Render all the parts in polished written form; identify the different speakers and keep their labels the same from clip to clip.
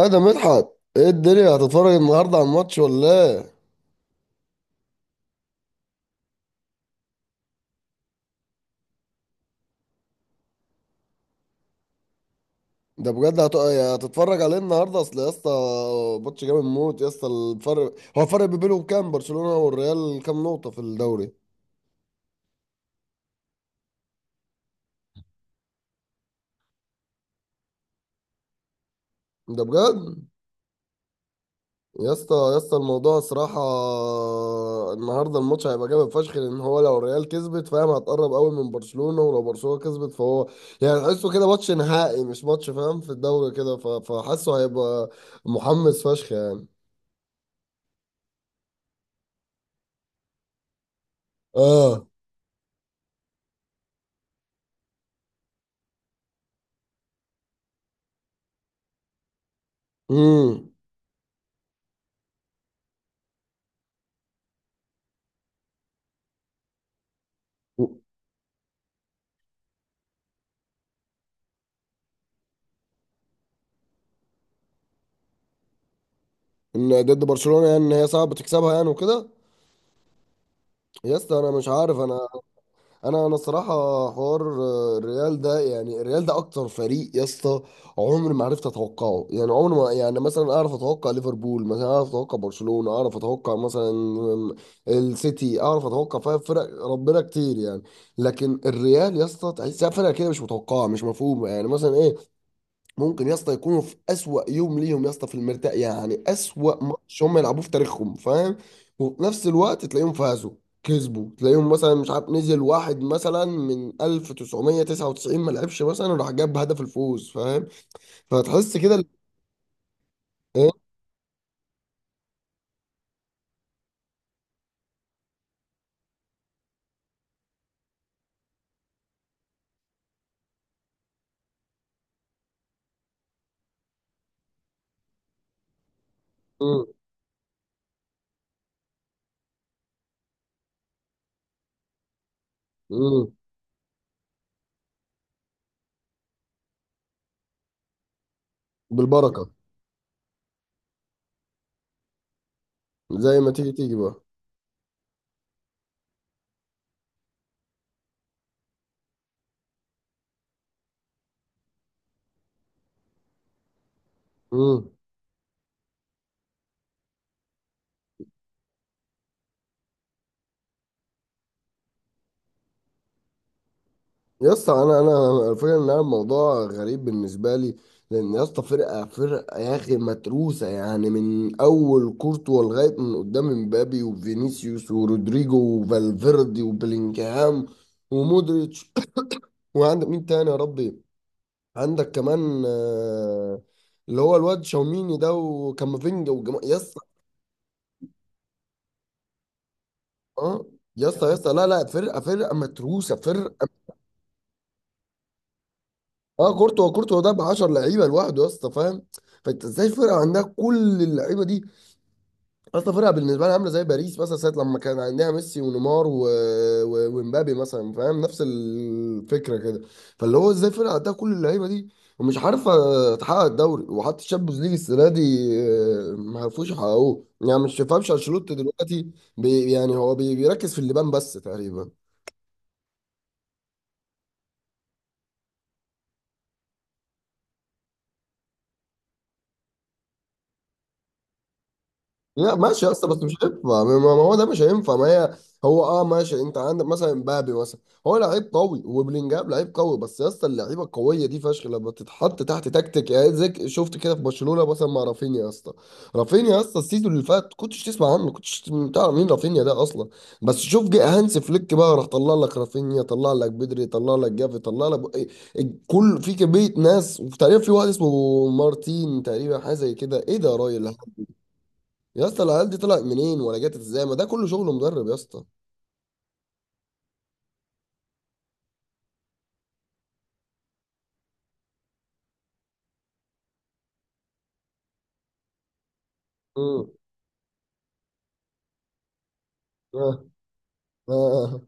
Speaker 1: اه، ده مدحت. ايه الدنيا هتتفرج النهارده على الماتش ولا ايه؟ ده بجد يعني هتتفرج عليه النهارده، اصل يا اسطى. ماتش جامد موت يا اسطى. الفرق، هو الفرق ما بينهم كام؟ برشلونة والريال كام نقطة في الدوري؟ ده بجد؟ يا اسطى يا اسطى، الموضوع صراحة. النهارده الماتش هيبقى جامد فشخ، لان هو لو الريال كسبت، فاهم، هتقرب قوي من برشلونة، ولو برشلونة كسبت فهو، يعني تحسه كده ماتش نهائي، مش ماتش فاهم في الدوري كده. فحاسه هيبقى محمس فشخ يعني. اه. امم. ان ضد برشلونه، يعني ان هي صعب تكسبها يعني وكده. يا اسطى انا مش عارف انا. انا الصراحه. حوار الريال ده، يعني الريال ده اكتر فريق يا اسطى، عمري ما عرفت اتوقعه يعني. عمري ما يعني، مثلا اعرف اتوقع ليفربول، مثلا اعرف اتوقع برشلونه، اعرف اتوقع مثلا السيتي، اعرف اتوقع فيها فرق ربنا كتير يعني. لكن الريال يا اسطى تحسها فرقه كده مش متوقعه، مش مفهومه، يعني مثلا ايه. ممكن يا اسطى يكونوا في اسوأ يوم ليهم، يا اسطى، في المرتاح، يعني اسوأ ماتش هم يلعبوه في تاريخهم فاهم. وفي نفس الوقت تلاقيهم فازوا، كسبوا، تلاقيهم مثلا مش عارف نزل واحد مثلا من 1999 ما لعبش مثلا وراح جاب هدف الفوز فاهم. فتحس كده ال-. إيه؟ مم. مم. بالبركة. زي ما تيجي تيجي بقى. مم. يا اسطى انا الفكره ان انا الموضوع غريب بالنسبه لي. لان يا اسطى فرقه فرقه يا اخي متروسه، يعني من اول كورتوا لغايه من قدام امبابي وفينيسيوس ورودريجو وفالفيردي وبلينجهام ومودريتش. وعندك مين تاني يا ربي؟ عندك كمان اللي هو الواد شاوميني ده وكامافينجا وجما يا اسطى. اه. يا اسطى يا اسطى، لا لا، فرقه فرقه متروسه فرقه. اه، كورتوا كورتوا ده ب 10 لعيبه لوحده يا اسطى فاهم. فانت ازاي فرقه عندها كل اللعيبه دي، اصلا فرقه بالنسبه لها عامله زي باريس مثلا ساعه لما كان عندها ميسي ونيمار ومبابي مثلا فاهم، نفس الفكره كده. فاللي هو ازاي فرقه عندها كل اللعيبه دي ومش عارفه تحقق الدوري وحتى الشامبيونز ليج السنه دي؟ ما عرفوش يحققوه يعني. مش فاهمش انشيلوتي دلوقتي. يعني هو بيركز في اللبان بس تقريبا. لا ماشي يا اسطى، بس مش هينفع، ما هو ده مش هينفع، ما هي هو. اه ماشي، انت عندك مثلا مبابي مثلا، هو لعيب قوي، وبلينجهام لعيب قوي، بس يا اسطى اللعيبه القويه دي فشخ لما تتحط تحت تكتيك، يعني زي شفت كده في برشلونه مثلا مع رافينيا يا اسطى. رافينيا يا اسطى السيزون اللي فات كنتش تسمع عنه، كنتش تعرف مين رافينيا ده اصلا. بس شوف، جه هانس فليك بقى، راح طلع لك رافينيا، طلع لك بدري، طلع لك جافي، طلع لك إيه، كل في كميه ناس، وتقريبا في واحد اسمه مارتين، تقريبا حاجه زي كده، ايه ده يا راجل؟ يا اسطى العيال دي طلعت منين ولا جت ازاي؟ ما ده كله شغل مدرب يا اسطى. امم. اه. اه.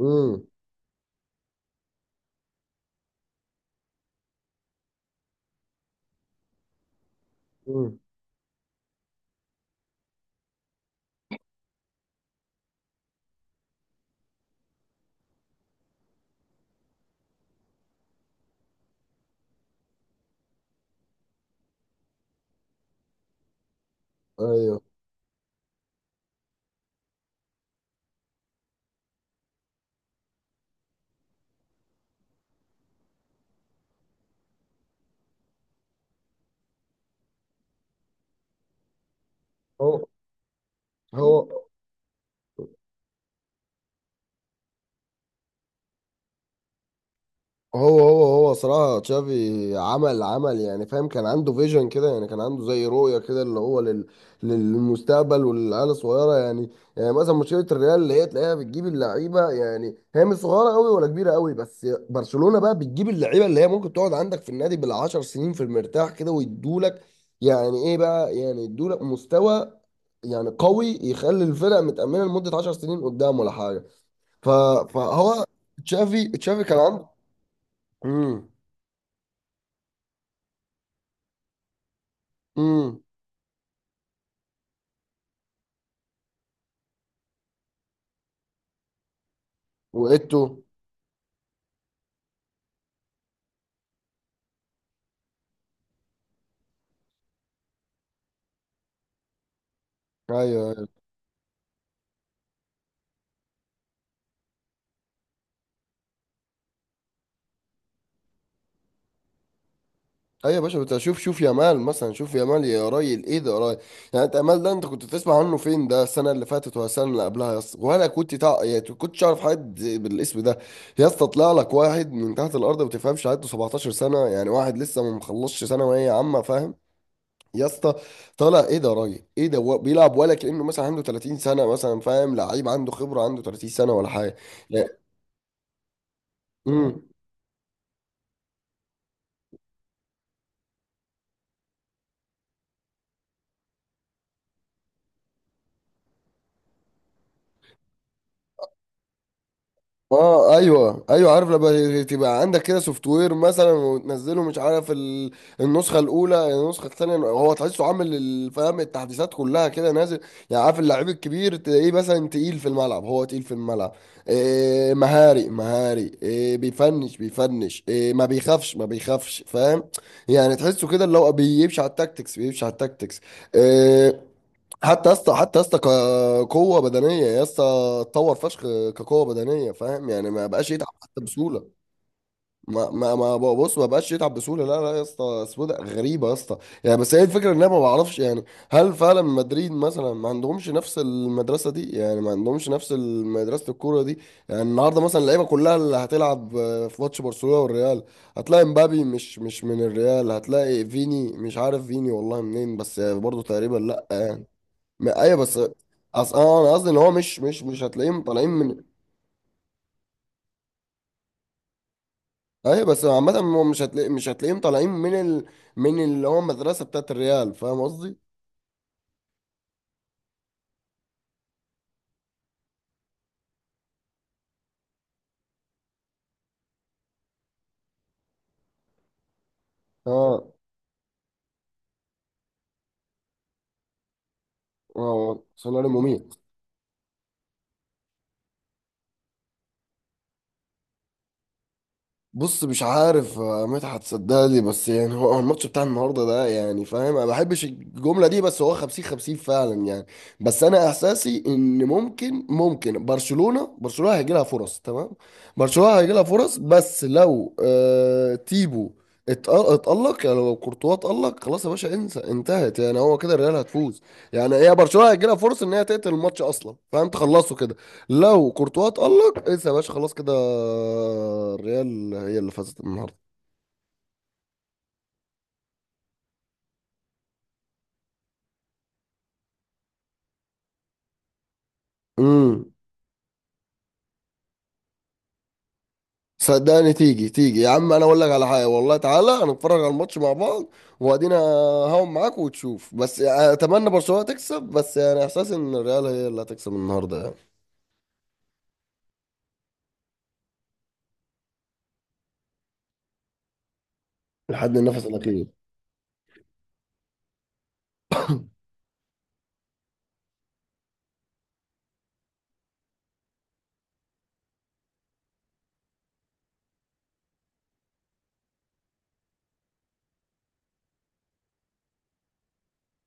Speaker 1: امم. امم. ايوه. هو هو هو صراحة تشافي عمل عمل، يعني فاهم، كان عنده فيجن كده، يعني كان عنده زي رؤية كده اللي هو للمستقبل وللعيال الصغيرة يعني. يعني مثلا مشكلة الريال اللي هي تلاقيها بتجيب اللعيبة يعني هي مش صغيرة قوي ولا كبيرة قوي، بس برشلونة بقى بتجيب اللعيبة اللي هي ممكن تقعد عندك في النادي ب 10 سنين في المرتاح كده ويدولك، يعني ايه بقى، يعني يدولك مستوى يعني قوي يخلي الفرق متأمنة لمدة 10 سنين قدام ولا حاجة. ف... فهو تشافي، تشافي كان عنده. مم. امم. وايتو. ايوه ايوه. أيوة يا باشا، بس شوف، شوف يامال مثلا، شوف يامال يا راجل، ايه ده يا راجل؟ يعني انت يامال ده انت كنت تسمع عنه فين؟ ده السنه اللي فاتت ولا السنه اللي قبلها يا اسطى؟ ولا كنت يعني كنتش اعرف حد بالاسم ده يا اسطى. طلع لك واحد من تحت الارض ما تفهمش، عنده 17 سنه، يعني واحد لسه ما مخلصش ثانويه عامه فاهم. يا اسطى طالع، ايه ده يا راجل؟ ايه ده؟ هو بيلعب ولا كانه مثلا عنده 30 سنه مثلا، فاهم، لعيب عنده خبره عنده 30 سنه ولا حاجه. يعني-. مم. اه ايوه ايوه، عارف لما تبقى عندك كده سوفت وير مثلا وتنزله، مش عارف النسخه الاولى، النسخه الثانيه، هو تحسه عامل الفهم التحديثات كلها كده نازل. يعني عارف اللعيب الكبير تلاقيه مثلا تقيل في الملعب، هو تقيل في الملعب، إيه، مهاري مهاري، إيه، بيفنش بيفنش، إيه، ما بيخافش ما بيخافش، فاهم؟ يعني تحسه كده اللي هو بيمشي على التاكتكس، بيمشي على التاكتكس، إيه. حتى يا اسطى، حتى يا اسطى، كقوه بدنيه يا اسطى، اتطور فشخ. كقوه بدنيه فاهم، يعني ما بقاش يتعب حتى بسهوله. ما ما ما بص ما بقاش يتعب بسهوله، لا لا يا اسطى، سوده غريبه يا اسطى. يعني بس هي الفكره ان انا ما بعرفش يعني، هل فعلا مدريد مثلا ما عندهمش نفس المدرسه دي؟ يعني ما عندهمش نفس مدرسه الكوره دي. يعني النهارده مثلا اللعيبه كلها اللي هتلعب في ماتش برشلونه والريال، هتلاقي مبابي مش من الريال، هتلاقي فيني مش عارف فيني والله منين، بس برضه تقريبا لا يعني. ايوه بس، اصل انا قصدي ان هو مش هتلاقيهم طالعين من. ايوه بس عامة هو مش هتلاقي، مش هتلاقيهم طالعين من اللي هو المدرسة بتاعت الريال، فاهم قصدي؟ اه. اه، سيناريو مميت. بص مش عارف مدحت صدقني، بس يعني هو الماتش بتاع النهارده ده يعني فاهم، انا ما بحبش الجمله دي، بس هو 50 50 فعلا يعني. بس انا احساسي ان ممكن ممكن برشلونه، برشلونه هيجي لها فرص، تمام. برشلونه هيجي لها فرص، بس لو تيبو اتألق، يعني لو كورتوا اتألق خلاص يا باشا، انسى، انتهت، يعني هو كده الريال هتفوز. يعني هي برشلونه هيجي لها فرص ان هي تقتل الماتش اصلا فاهم، تخلصه كده. لو كورتوا اتألق انسى يا باشا، خلاص كده الريال هي اللي فازت النهارده. امم. صدقني، تيجي تيجي يا عم، انا اقول لك على حاجه، والله تعالى هنتفرج على الماتش مع بعض، وادينا هون معاك وتشوف، بس اتمنى برشلونه تكسب، بس يعني احساس ان الريال هي اللي هتكسب النهارده يعني. لحد النفس الاخير.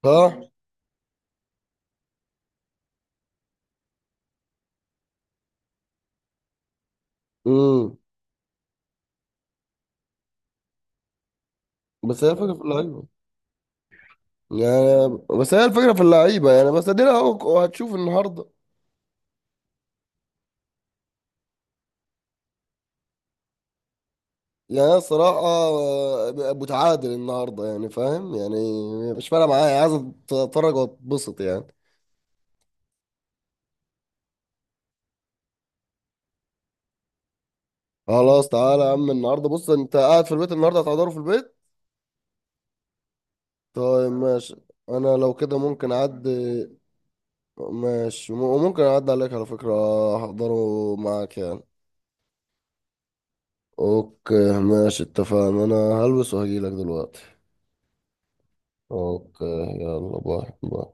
Speaker 1: صح. امم. بس هي الفكره في اللعيبه. يعني بس هي الفكره في اللعيبه يعني، بس ادينا اهو هتشوف النهارده. يعني أنا صراحة متعادل النهاردة يعني، فاهم يعني. مش فارقة معايا، عايز اتفرج واتبسط يعني. خلاص، تعالى يا عم النهاردة، بص انت قاعد في البيت، النهاردة هتحضره في البيت. طيب ماشي. انا لو كده ممكن اعدي. ماشي، وممكن اعدي عليك على فكرة، احضره معاك يعني. اوكي ماشي، اتفقنا. انا هلبس وهجيلك دلوقتي. اوكي. يلا باي باي.